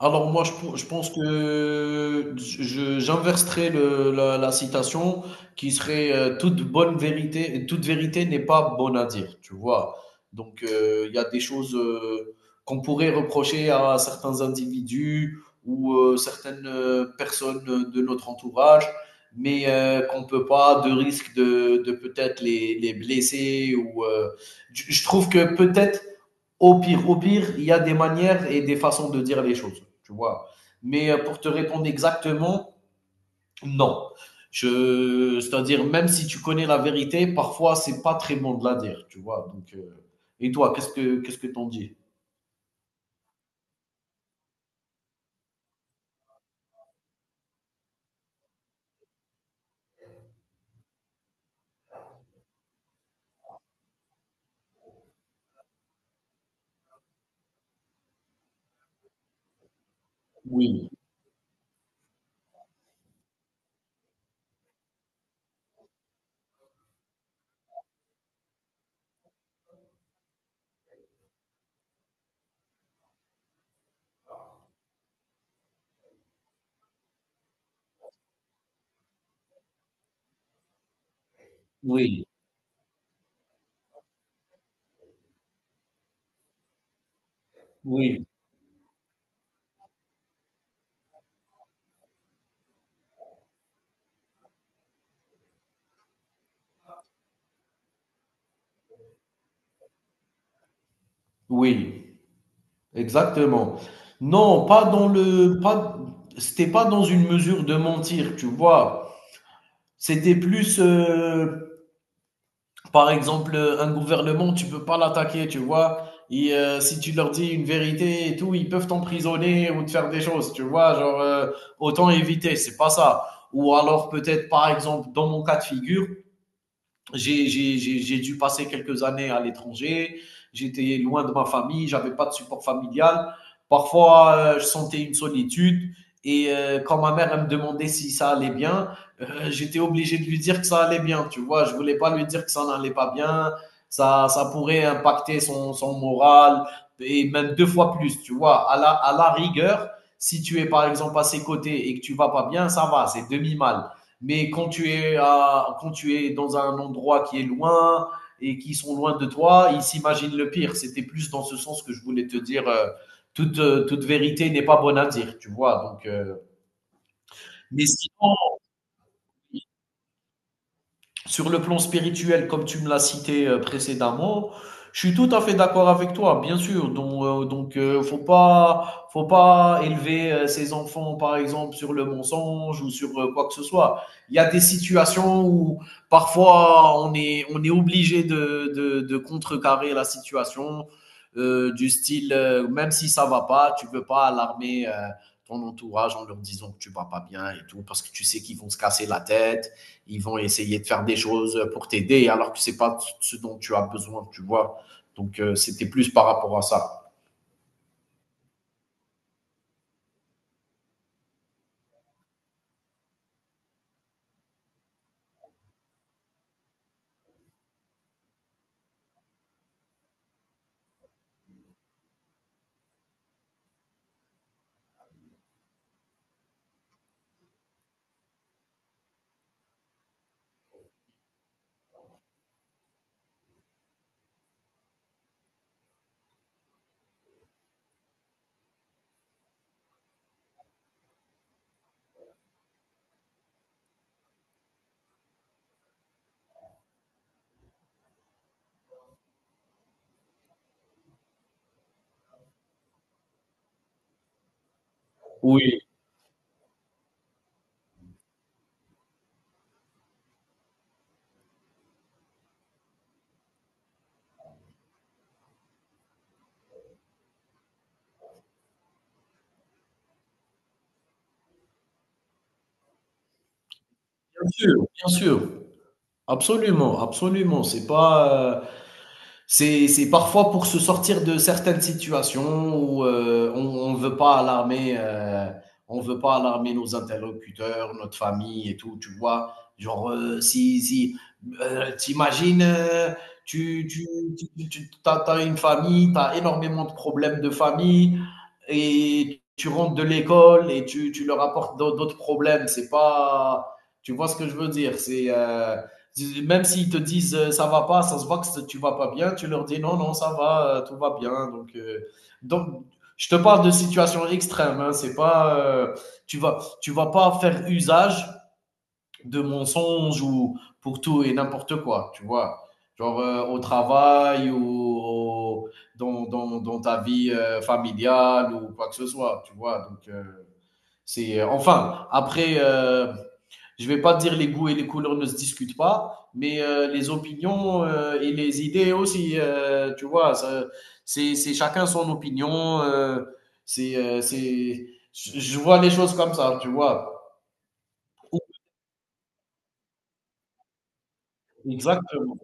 Alors moi, je pense que j'inverserai la citation qui serait toute bonne vérité, toute vérité n'est pas bonne à dire, tu vois. Donc il y a des choses qu'on pourrait reprocher à certains individus ou certaines personnes de notre entourage, mais qu'on peut pas de risque de peut-être les blesser ou je trouve que peut-être au pire, il y a des manières et des façons de dire les choses, tu vois. Mais pour te répondre exactement, non. C'est-à-dire, même si tu connais la vérité, parfois, c'est pas très bon de la dire, tu vois. Donc, et toi, qu'est-ce que t'en dis? Oui, oui, oui, oui, exactement. Non, pas dans le, pas, c'était pas dans une mesure de mentir, tu vois. C'était plus, par exemple, un gouvernement, tu peux pas l'attaquer, tu vois. Et si tu leur dis une vérité et tout, ils peuvent t'emprisonner ou te faire des choses, tu vois. Genre, autant éviter, c'est pas ça. Ou alors peut-être, par exemple, dans mon cas de figure, j'ai dû passer quelques années à l'étranger, j'étais loin de ma famille, j'avais pas de support familial. Parfois, je sentais une solitude et quand ma mère elle me demandait si ça allait bien, j'étais obligé de lui dire que ça allait bien, tu vois, je ne voulais pas lui dire que ça n'allait pas bien, ça pourrait impacter son moral et même deux fois plus, tu vois, à la rigueur, si tu es par exemple à ses côtés et que tu ne vas pas bien, ça va, c'est demi-mal. Mais quand tu es dans un endroit qui est loin et qui sont loin de toi, ils s'imaginent le pire. C'était plus dans ce sens que je voulais te dire. Toute vérité n'est pas bonne à dire, tu vois. Donc, mais sinon, sur le plan spirituel, comme tu me l'as cité précédemment, je suis tout à fait d'accord avec toi, bien sûr. Donc, faut pas élever ses enfants, par exemple, sur le mensonge ou sur quoi que ce soit. Il y a des situations où parfois on est obligé de contrecarrer la situation du style, même si ça va pas, tu peux pas alarmer ton entourage en leur disant que tu vas pas bien et tout, parce que tu sais qu'ils vont se casser la tête, ils vont essayer de faire des choses pour t'aider alors que c'est pas ce dont tu as besoin, tu vois. Donc c'était plus par rapport à ça. Oui, bien sûr, bien sûr. Absolument, absolument. C'est pas C'est parfois pour se sortir de certaines situations où on ne veut pas alarmer, on veut pas alarmer nos interlocuteurs, notre famille et tout, tu vois. Genre, si, si, t'imagines, tu, tu, t'as une famille, t'as énormément de problèmes de famille et tu rentres de l'école et tu leur apportes d'autres problèmes. C'est pas, Tu vois ce que je veux dire. C'est, même s'ils te disent ça va pas, ça se voit que tu vas pas bien, tu leur dis non, non, ça va, tout va bien. Donc je te parle de situation extrême. Hein, c'est pas, tu vas pas faire usage de mensonges ou pour tout et n'importe quoi, tu vois. Genre au travail ou au- dans ta vie familiale ou quoi que ce soit, tu vois. Donc, c'est enfin après, je vais pas dire les goûts et les couleurs ne se discutent pas, mais les opinions et les idées aussi, tu vois, c'est chacun son opinion. C'est euh, c'est, je vois les choses comme ça, tu vois. Exactement.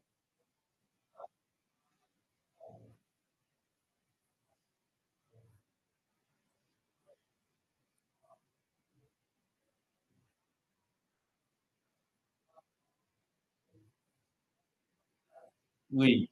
Oui,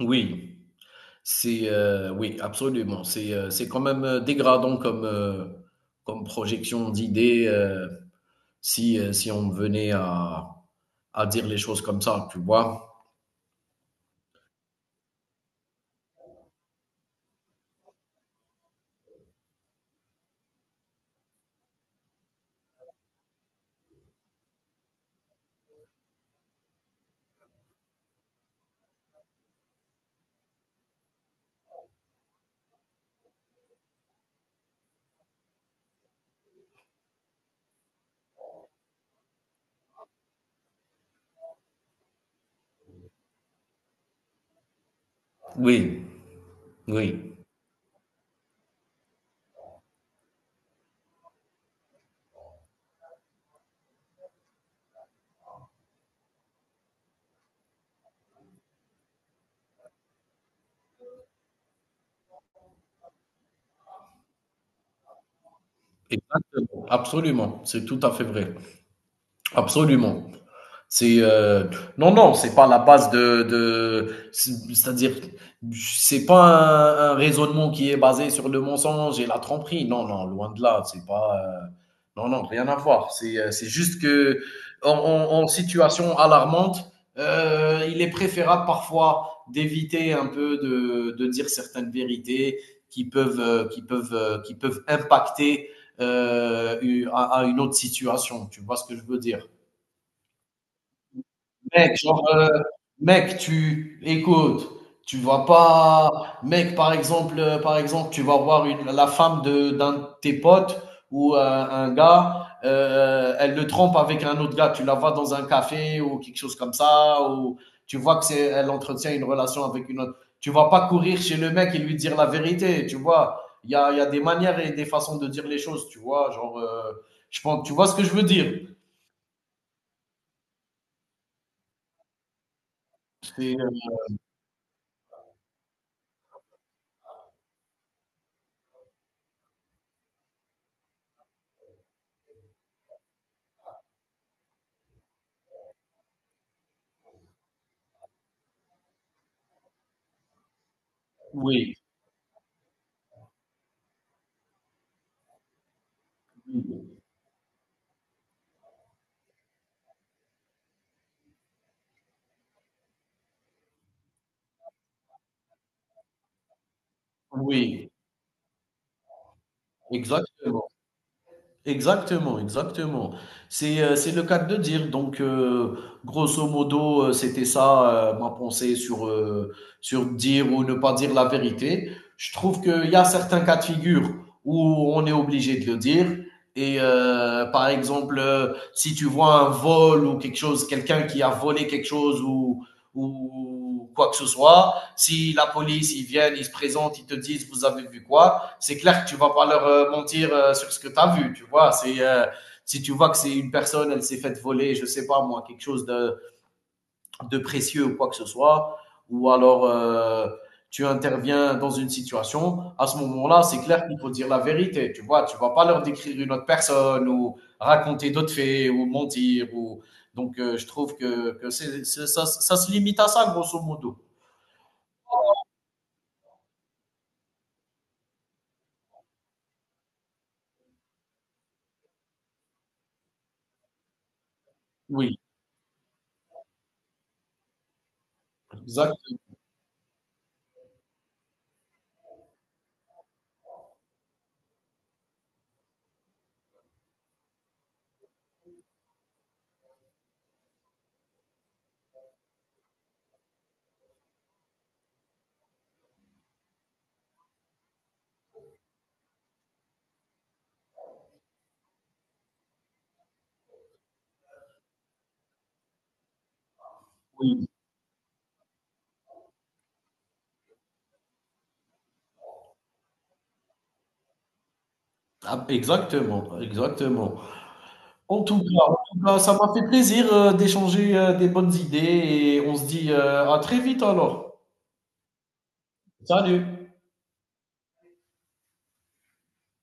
oui. C'est Oui, absolument. C'est quand même dégradant comme comme projection d'idées. Si on venait à dire les choses comme ça, tu vois. Oui, oui. Exactement, absolument, c'est tout à fait vrai, absolument. C'est Non, non, c'est pas la base de c'est- à dire c'est pas un raisonnement qui est basé sur le mensonge et la tromperie. Non, non, loin de là, c'est pas non, non, rien à voir. C'est juste que en situation alarmante, il est préférable parfois d'éviter un peu de dire certaines vérités qui peuvent impacter à une autre situation. Tu vois ce que je veux dire? Mec, genre, mec, tu écoute, tu vas pas mec, par exemple, tu vas voir une la femme de d'un de tes potes ou un gars, elle le trompe avec un autre gars. Tu la vois dans un café ou quelque chose comme ça ou tu vois que c'est elle entretient une relation avec une autre. Tu vas pas courir chez le mec et lui dire la vérité, tu vois? Il y a des manières et des façons de dire les choses, tu vois? Genre, je pense, tu vois ce que je veux dire? C'est, oui, oui, oui. Exactement, exactement, exactement. C'est le cas de dire. Donc, grosso modo, c'était ça ma pensée sur, sur dire ou ne pas dire la vérité. Je trouve qu'il y a certains cas de figure où on est obligé de le dire. Et par exemple, si tu vois un vol ou quelque chose, quelqu'un qui a volé quelque chose ou quoi que ce soit, si la police, ils viennent, ils se présentent, ils te disent, vous avez vu quoi? C'est clair que tu vas pas leur mentir sur ce que tu as vu, tu vois. C'est Si tu vois que c'est une personne, elle s'est faite voler, je sais pas moi, quelque chose de précieux ou quoi que ce soit, ou alors tu interviens dans une situation, à ce moment-là, c'est clair qu'il faut dire la vérité, tu vois. Tu vas pas leur décrire une autre personne ou raconter d'autres faits ou mentir ou donc je trouve que ça se limite à ça grosso modo. Oui, exact, oui. Ah, exactement, exactement. En tout cas, ça m'a fait plaisir d'échanger des bonnes idées et on se dit à très vite alors. Salut!